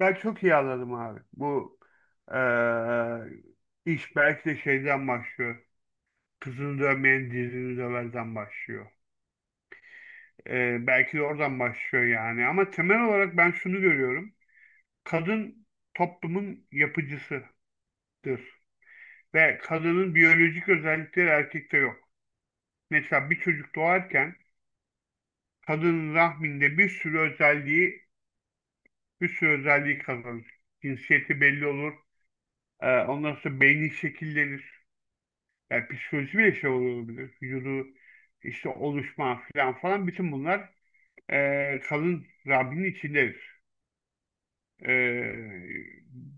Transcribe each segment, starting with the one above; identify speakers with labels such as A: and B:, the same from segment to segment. A: Ben çok iyi anladım abi. Bu eee, iş belki de şeyden başlıyor. Kızını dövmeyen dizini döverden başlıyor. Belki de oradan başlıyor yani. Ama temel olarak ben şunu görüyorum. Kadın toplumun yapıcısıdır. Ve kadının biyolojik özellikleri erkekte yok. Mesela bir çocuk doğarken kadının rahminde bir sürü özelliği bir sürü özelliği kazanır. Cinsiyeti belli olur. Ondan sonra beyni şekillenir. Yani psikoloji bile şey olabilir. Vücudu işte oluşma falan falan bütün bunlar kalın Rabbinin içindedir. E,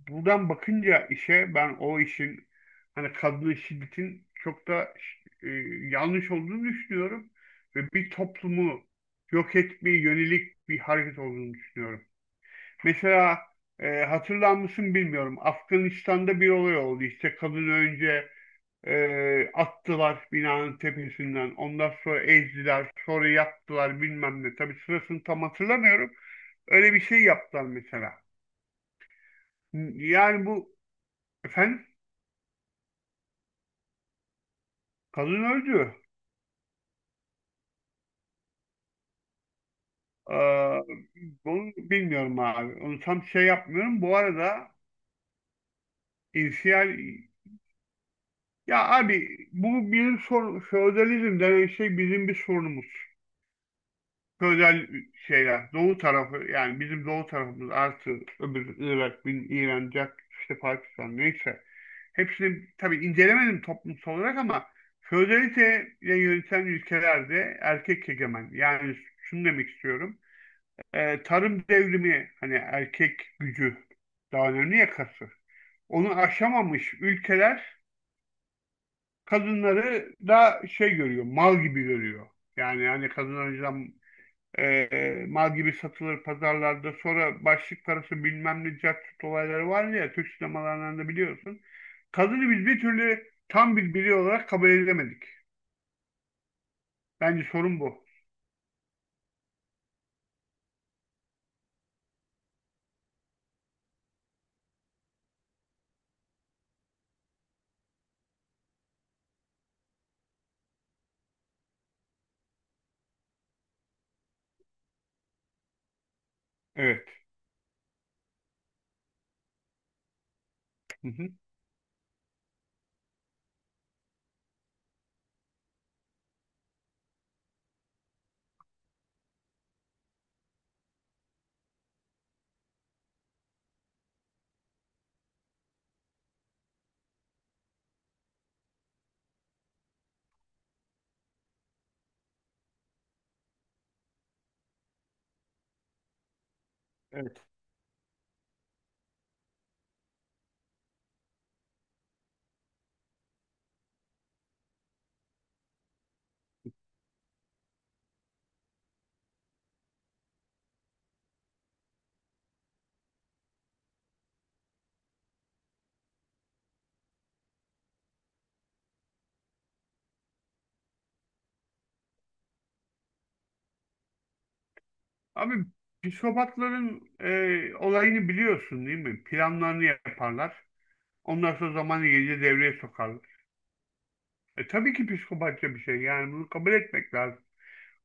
A: Buradan bakınca işe ben o işin hani kadın şiddetin çok da e, yanlış olduğunu düşünüyorum ve bir toplumu yok etmeye yönelik bir hareket olduğunu düşünüyorum. Mesela hatırlar mısın bilmiyorum. Afganistan'da bir olay oldu. İşte kadın önce attılar binanın tepesinden. Ondan sonra ezdiler. Sonra yaktılar bilmem ne. Tabii sırasını tam hatırlamıyorum. Öyle bir şey yaptılar mesela. Yani bu efendim kadın öldü. Ee, Bunu bilmiyorum abi. Onu tam şey yapmıyorum. Bu arada insiyal ya abi bu bizim sorun feodalizm denen şey bizim bir sorunumuz. Feodal şeyler. Doğu tarafı yani bizim doğu tarafımız artı öbür Irak, bin İran, Cak, işte Pakistan neyse. Hepsini tabii incelemedim toplumsal olarak ama feodalite ile ülkelerde erkek egemen. Yani şunu demek istiyorum. Tarım devrimi hani erkek gücü daha önemli yakası. Onu aşamamış ülkeler kadınları da şey görüyor, mal gibi görüyor. Yani hani kadın önceden mal gibi satılır pazarlarda. Sonra başlık parası bilmem ne jackpot olayları var ya Türk sinemalarından da biliyorsun. Kadını biz bir türlü tam bir birey olarak kabul edemedik. Bence sorun bu. Evet. Hı hı. Evet. Abi psikopatların olayını biliyorsun değil mi? Planlarını yaparlar. Ondan sonra zamanı gelince devreye sokarlar. E tabii ki psikopatça bir şey. Yani bunu kabul etmek lazım.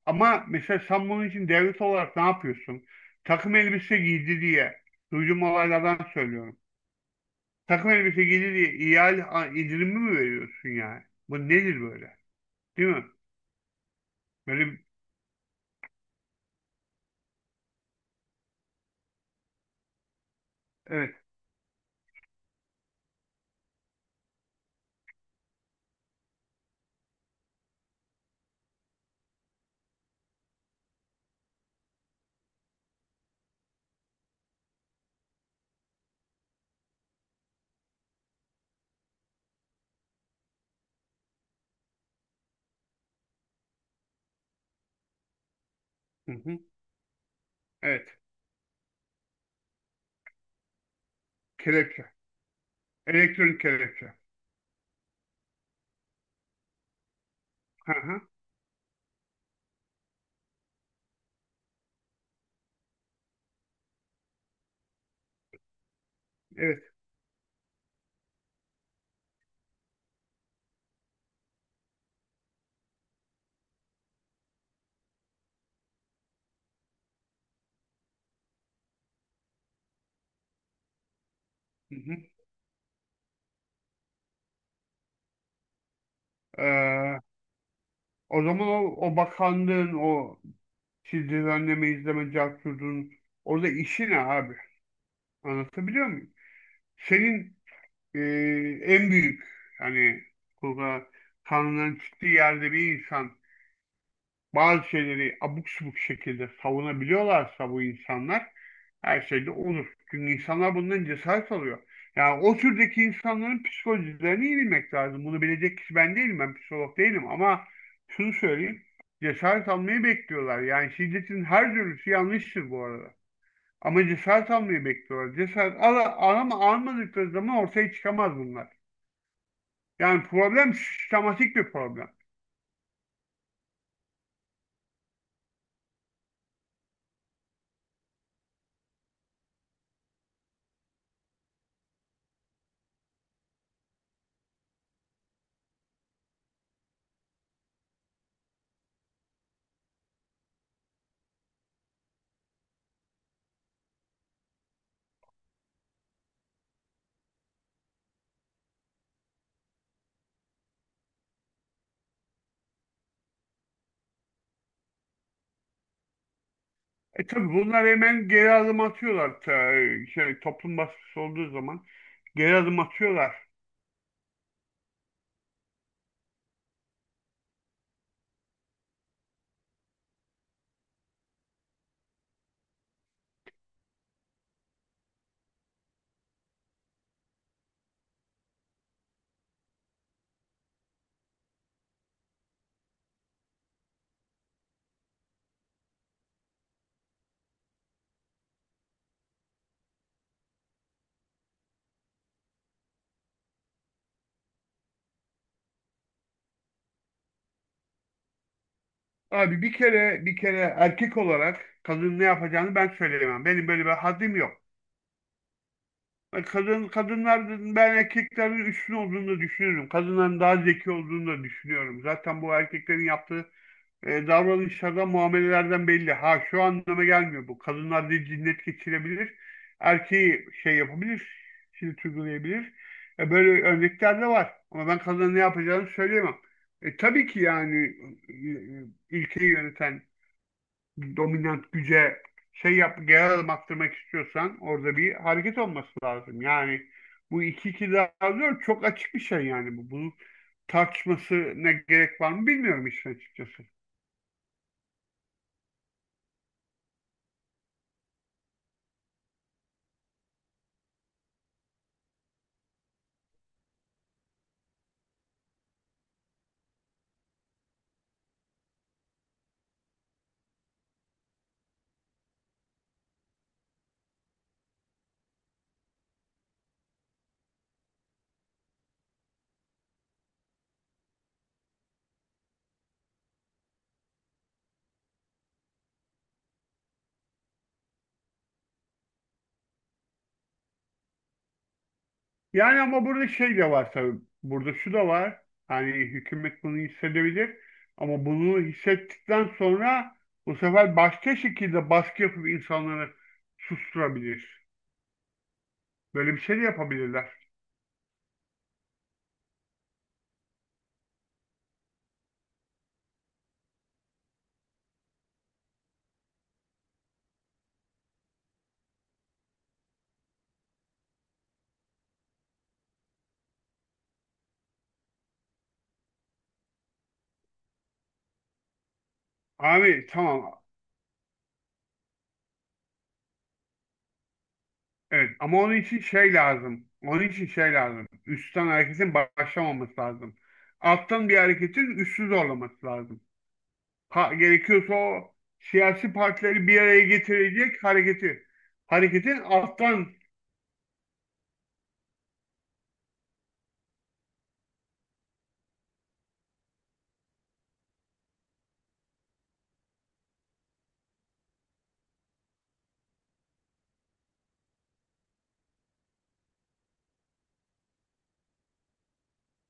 A: Ama mesela sen bunun için devlet olarak ne yapıyorsun? Takım elbise giydi diye duyduğum olaylardan söylüyorum. Takım elbise giydi diye ihale a- indirimi mi veriyorsun yani? Bu nedir böyle? Değil mi? Böyle bir- evet. Hı hı. Evet. Kelepçe. Elektronik kelepçe. Hı hı. Evet. Hı hı. Ee, O zaman o bakanlığın o siz düzenleme izleme cevap orada işi ne abi? Anlatabiliyor muyum? Senin e, en büyük hani burada Tanrı'nın çıktığı yerde bir insan bazı şeyleri abuk subuk şekilde savunabiliyorlarsa bu insanlar her şeyde olur. Çünkü insanlar bundan cesaret alıyor. Yani o türdeki insanların psikolojilerini iyi bilmek lazım. Bunu bilecek kişi ben değilim, ben psikolog değilim ama şunu söyleyeyim. Cesaret almayı bekliyorlar. Yani şiddetin her türlüsü yanlıştır bu arada. Ama cesaret almayı bekliyorlar. Cesaret al, al ama almadıkları zaman ortaya çıkamaz bunlar. Yani problem sistematik bir problem. E tabii bunlar hemen geri adım atıyorlar. Ta- Şey, toplum baskısı olduğu zaman geri adım atıyorlar. Abi bir kere erkek olarak kadın ne yapacağını ben söyleyemem. Benim böyle bir haddim yok. Kadınların ben erkeklerin üstün olduğunu da düşünüyorum. Kadınların daha zeki olduğunu da düşünüyorum. Zaten bu erkeklerin yaptığı davranışlardan, muamelelerden belli. Ha şu anlama gelmiyor bu. Kadınlar da cinnet geçirebilir. Erkeği şey yapabilir. Cilt uygulayabilir. Böyle örnekler de var. Ama ben kadına ne yapacağını söyleyemem. Tabii ki yani ülkeyi yöneten dominant güce şey yap, geri adım attırmak istiyorsan orada bir hareket olması lazım. Yani bu iki iki daha dört çok açık bir şey yani bu. Bunun tartışması ne gerek var mı bilmiyorum işin açıkçası. Yani ama burada şey de var tabii. Burada şu da var. Hani hükümet bunu hissedebilir. Ama bunu hissettikten sonra bu sefer başka şekilde baskı yapıp insanları susturabilir. Böyle bir şey de yapabilirler. Abi tamam. Evet ama onun için şey lazım. Onun için şey lazım. Üstten hareketin başlamaması lazım. Alttan bir hareketin üstü zorlaması lazım. Pa- gerekiyorsa o siyasi partileri bir araya getirecek hareketi. Hareketin alttan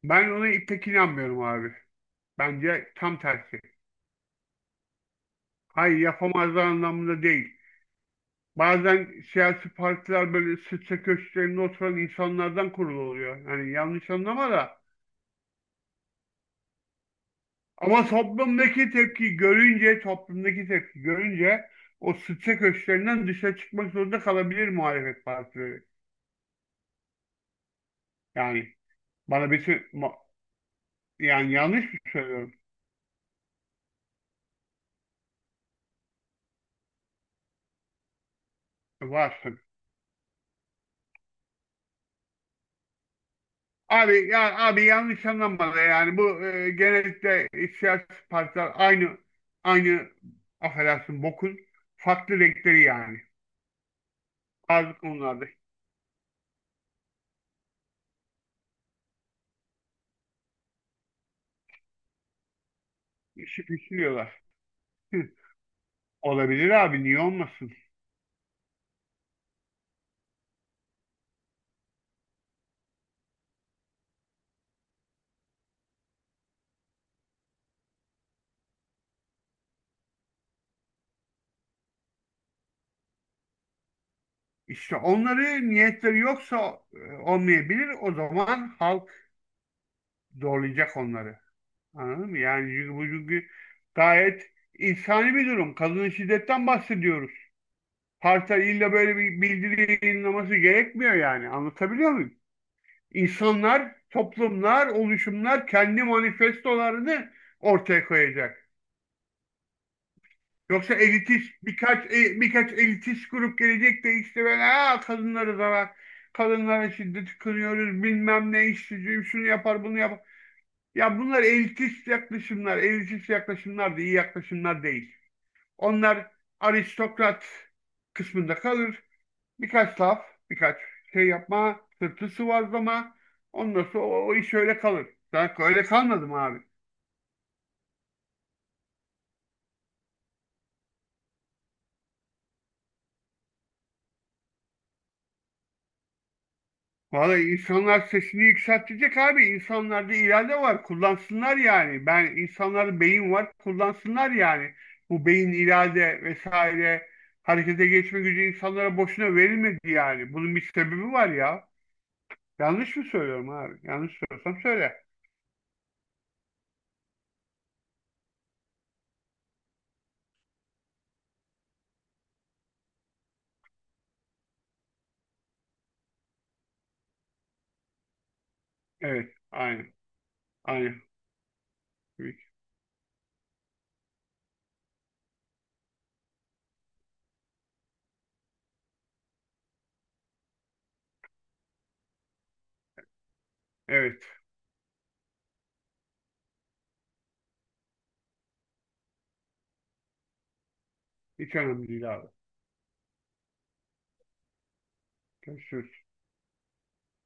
A: Ben ona pek inanmıyorum abi. Bence tam tersi. Hayır yapamazlar anlamında değil. Bazen siyasi partiler böyle sıçra köşklerinde oturan insanlardan kurulu oluyor. Yani yanlış anlama da. Ama toplumdaki tepki görünce, o sıçra köşklerinden dışarı çıkmak zorunda kalabilir muhalefet partileri. Yani bana bir şey- ma- yani yanlış mı söylüyorum? Var abi ya abi yanlış anlamadı yani bu genellikle siyasi partiler aynı affedersin bokun farklı renkleri yani. Bazı konularda işi pişiriyorlar. Hı, olabilir abi niye olmasın? İşte onları niyetleri yoksa olmayabilir. O zaman halk zorlayacak onları. Anladın mı? Yani çünkü bu, çünkü gayet insani bir durum. Kadın şiddetten bahsediyoruz. Partiler illa böyle bir bildiri yayınlaması gerekmiyor yani. Anlatabiliyor muyum? İnsanlar, toplumlar, oluşumlar kendi manifestolarını ortaya koyacak. Yoksa elitist birkaç birkaç elitist grup gelecek de işte böyle "Aa, kadınları zarar, kadınlara şiddet kınıyoruz, bilmem ne işsizim, şunu yapar, bunu yapar". Ya bunlar elitist yaklaşımlar, elitist yaklaşımlar da iyi yaklaşımlar değil. Onlar aristokrat kısmında kalır. Birkaç laf, birkaç şey yapma, sırtı sıvazlama. Ondan sonra o iş öyle kalır. Ben öyle kalmadım abi. Vallahi insanlar sesini yükseltecek abi. İnsanlarda irade var. Kullansınlar yani. Ben insanlarda beyin var. Kullansınlar yani. Bu beyin irade vesaire harekete geçme gücü insanlara boşuna verilmedi yani. Bunun bir sebebi var ya. Yanlış mı söylüyorum abi? Yanlış söylüyorsam söyle. Evet. Aynen. Aynen. Evet. Hiç önemli değil abi. Görüşürüz.